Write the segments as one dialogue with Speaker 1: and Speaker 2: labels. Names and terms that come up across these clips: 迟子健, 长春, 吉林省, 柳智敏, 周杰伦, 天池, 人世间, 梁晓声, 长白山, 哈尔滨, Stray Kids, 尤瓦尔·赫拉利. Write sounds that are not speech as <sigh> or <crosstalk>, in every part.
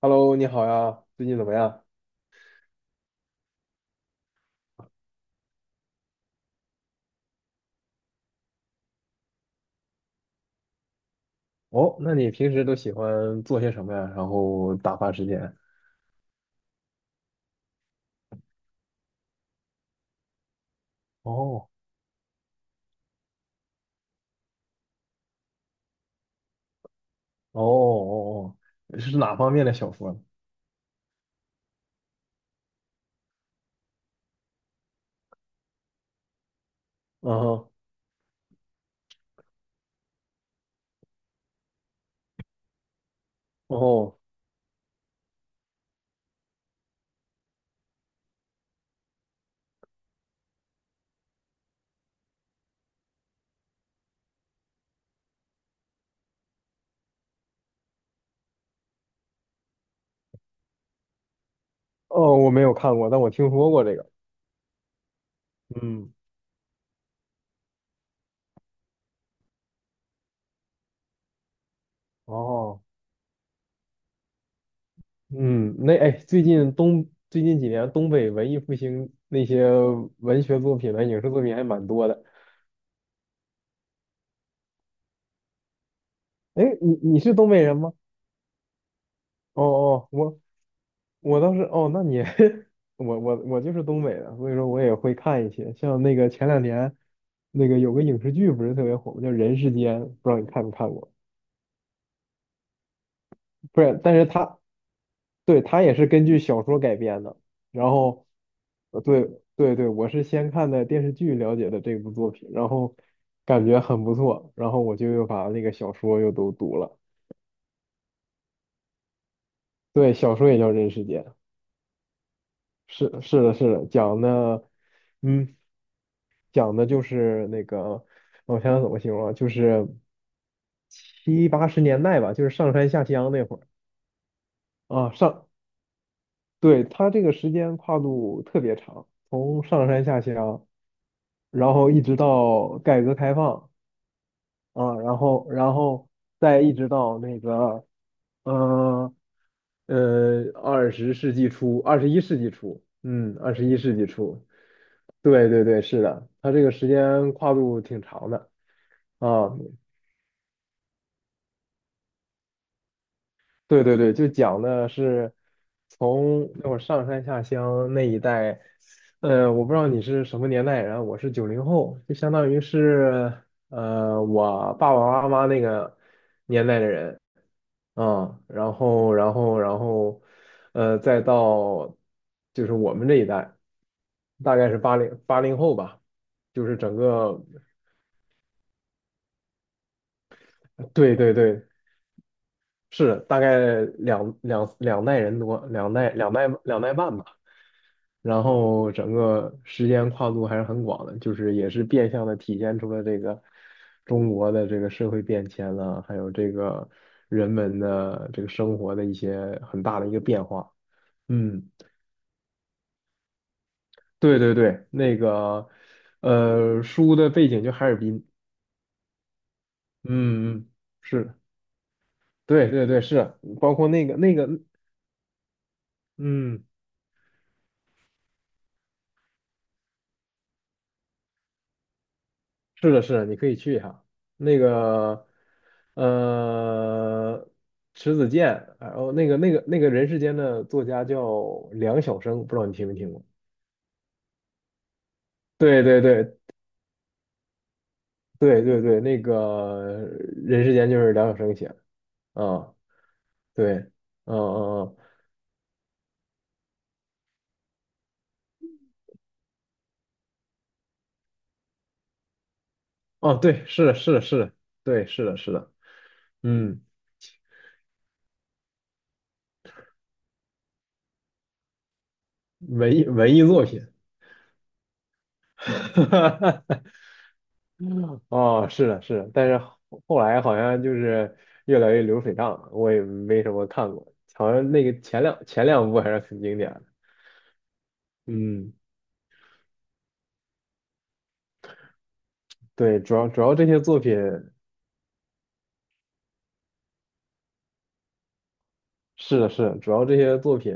Speaker 1: Hello，你好呀，最近怎么样？哦，那你平时都喜欢做些什么呀？然后打发时间？哦哦哦哦，是哪方面的小说呢？嗯哼。哦哦，我没有看过，但我听说过这个。嗯。哦。嗯，那哎，最近几年东北文艺复兴那些文学作品呢，影视作品还蛮多的。哎，你是东北人吗？哦哦，我倒是哦，那你 <laughs> 我就是东北的，所以说我也会看一些，像那个前两年那个有个影视剧不是特别火吗？叫《人世间》，不知道你看没看过？不是，但是它对，它也是根据小说改编的。然后，对对对，我是先看的电视剧了解的这部作品，然后感觉很不错，然后我就又把那个小说又都读了。对，小说也叫《人世间》。是的，是的，讲的，嗯，讲的就是那个，我想想怎么形容啊，就是七八十年代吧，就是上山下乡那会儿啊，对，它这个时间跨度特别长，从上山下乡，然后一直到改革开放啊，然后再一直到那个，呃二十世纪初，二十一世纪初，二十一世纪初，对对对，是的，它这个时间跨度挺长的啊。对对对，就讲的是从那会儿上山下乡那一代，我不知道你是什么年代人，我是九零后，就相当于是我爸爸妈妈那个年代的人。啊。然后，然后，再到就是我们这一代，大概是八零后吧，就是整个，对对对，是大概两代人多，两代半吧。然后整个时间跨度还是很广的，就是也是变相的体现出了这个中国的这个社会变迁了，还有这个人们的这个生活的一些很大的一个变化。嗯，对对对，那个书的背景就哈尔滨。嗯嗯，嗯是，对对对，是，包括那个，嗯。嗯是的，是的，你可以去一下那个，呃，迟子健，然后那个人世间的作家叫梁晓声，不知道你听没听过？对对对对对对，那个人世间就是梁晓声写的，啊，对，嗯嗯嗯。哦，对，是的，是的，是的，对，是的，是的，嗯，文艺作品，<laughs> 哦，是的，是的，但是后来好像就是越来越流水账了，我也没什么看过，好像那个前两部还是很经典的。嗯，对，主要这些作品是的，是的，主要这些作品，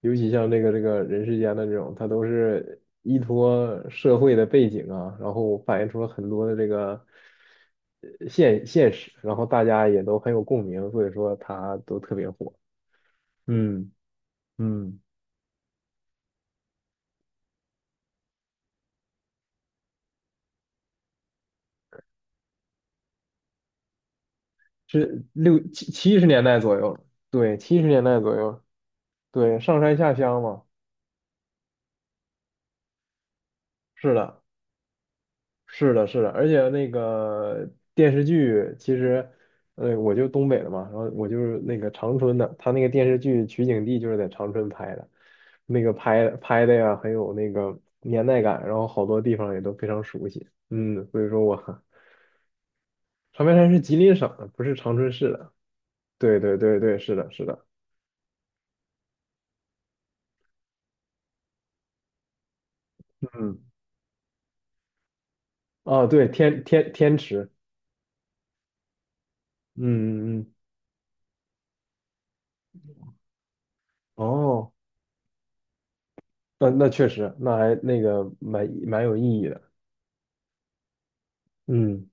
Speaker 1: 尤其像那个这个人世间的这种，它都是依托社会的背景啊，然后反映出了很多的这个现实，然后大家也都很有共鸣，所以说它都特别火。嗯嗯。是七十年代左右，对，七十年代左右，对，上山下乡嘛，是的，是的，是的，而且那个电视剧其实，我就东北的嘛，然后我就是那个长春的，他那个电视剧取景地就是在长春拍的，那个拍拍的呀很有那个年代感，然后好多地方也都非常熟悉，嗯，所以说我 <laughs> 长白山是吉林省的，不是长春市的，对对对对，是的，是的，嗯，啊，对，天池。嗯嗯嗯。哦，那那确实，那还那个蛮有意义的。嗯，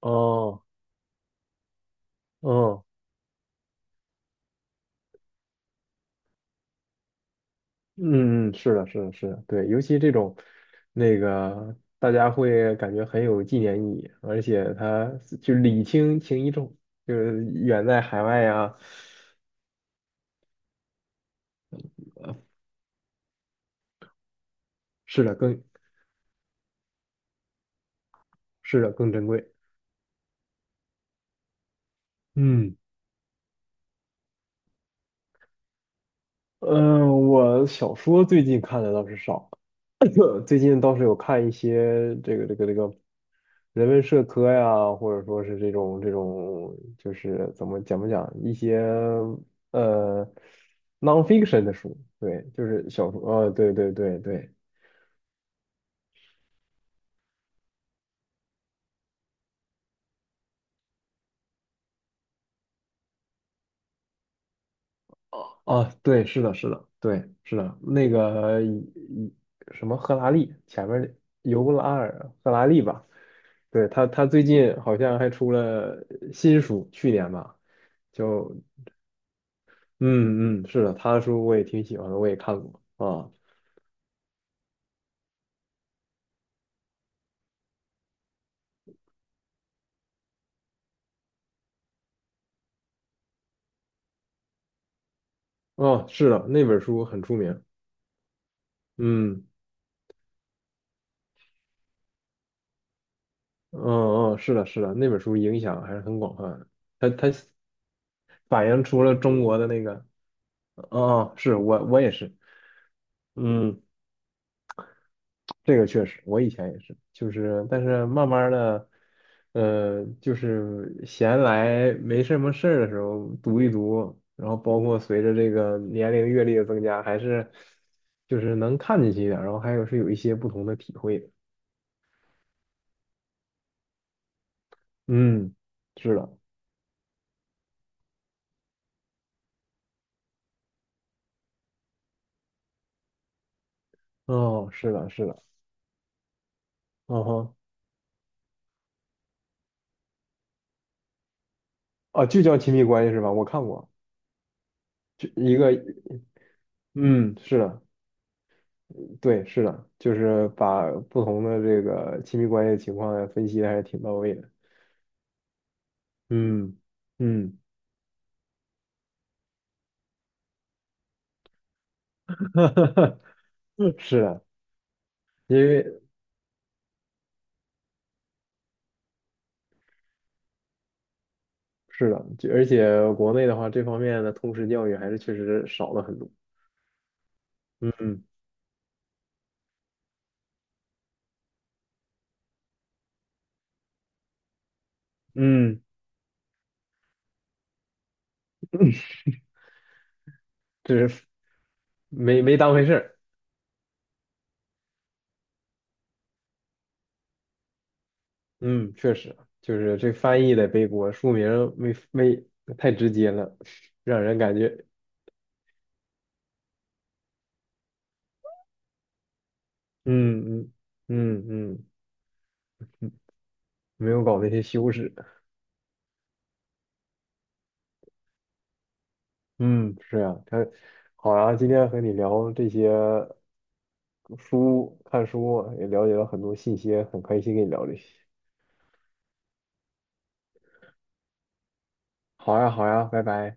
Speaker 1: 哦，哦，嗯嗯，是的，是的，是的，对，尤其这种那个，大家会感觉很有纪念意义，而且它就礼轻情意重，就是远在海外呀，是的，更是的更珍贵。嗯。嗯，我小说最近看的倒是少，<laughs> 最近倒是有看一些这个人文社科呀，或者说是这种，就是怎么讲不讲一些呃 nonfiction 的书，对，就是小说，对对对对。啊，对，是的，是的，对，是的，那个一什么赫拉利前面尤拉尔赫拉利吧，对他最近好像还出了新书，去年吧。就。嗯嗯，是的，他的书我也挺喜欢的，我也看过啊。哦，是的，那本书很出名。嗯嗯嗯，是的，是的，那本书影响还是很广泛的。它反映出了中国的那个，哦，哦是我也是。嗯。这个确实，我以前也是，就是但是慢慢的，就是闲来没什么事儿的时候读一读，然后包括随着这个年龄阅历的增加，还是就是能看进去一点儿，然后还有是有一些不同的体会的。嗯，是的，哦，是的，是的，嗯哼。啊，就叫亲密关系是吧？我看过，就一个，嗯，是的，对，是的，就是把不同的这个亲密关系的情况分析的还是挺到位的。嗯嗯。<laughs> 是的，因为是的，就而且国内的话，这方面的通识教育还是确实少了很多。嗯嗯，就是没当回事儿。嗯，确实，就是这翻译的背锅，书名没没太直接了，让人感觉嗯嗯嗯嗯，没有搞那些修饰。嗯，是呀，他好呀，今天和你聊这些书，看书也了解了很多信息，很开心跟你聊这些。好呀，好呀，拜拜。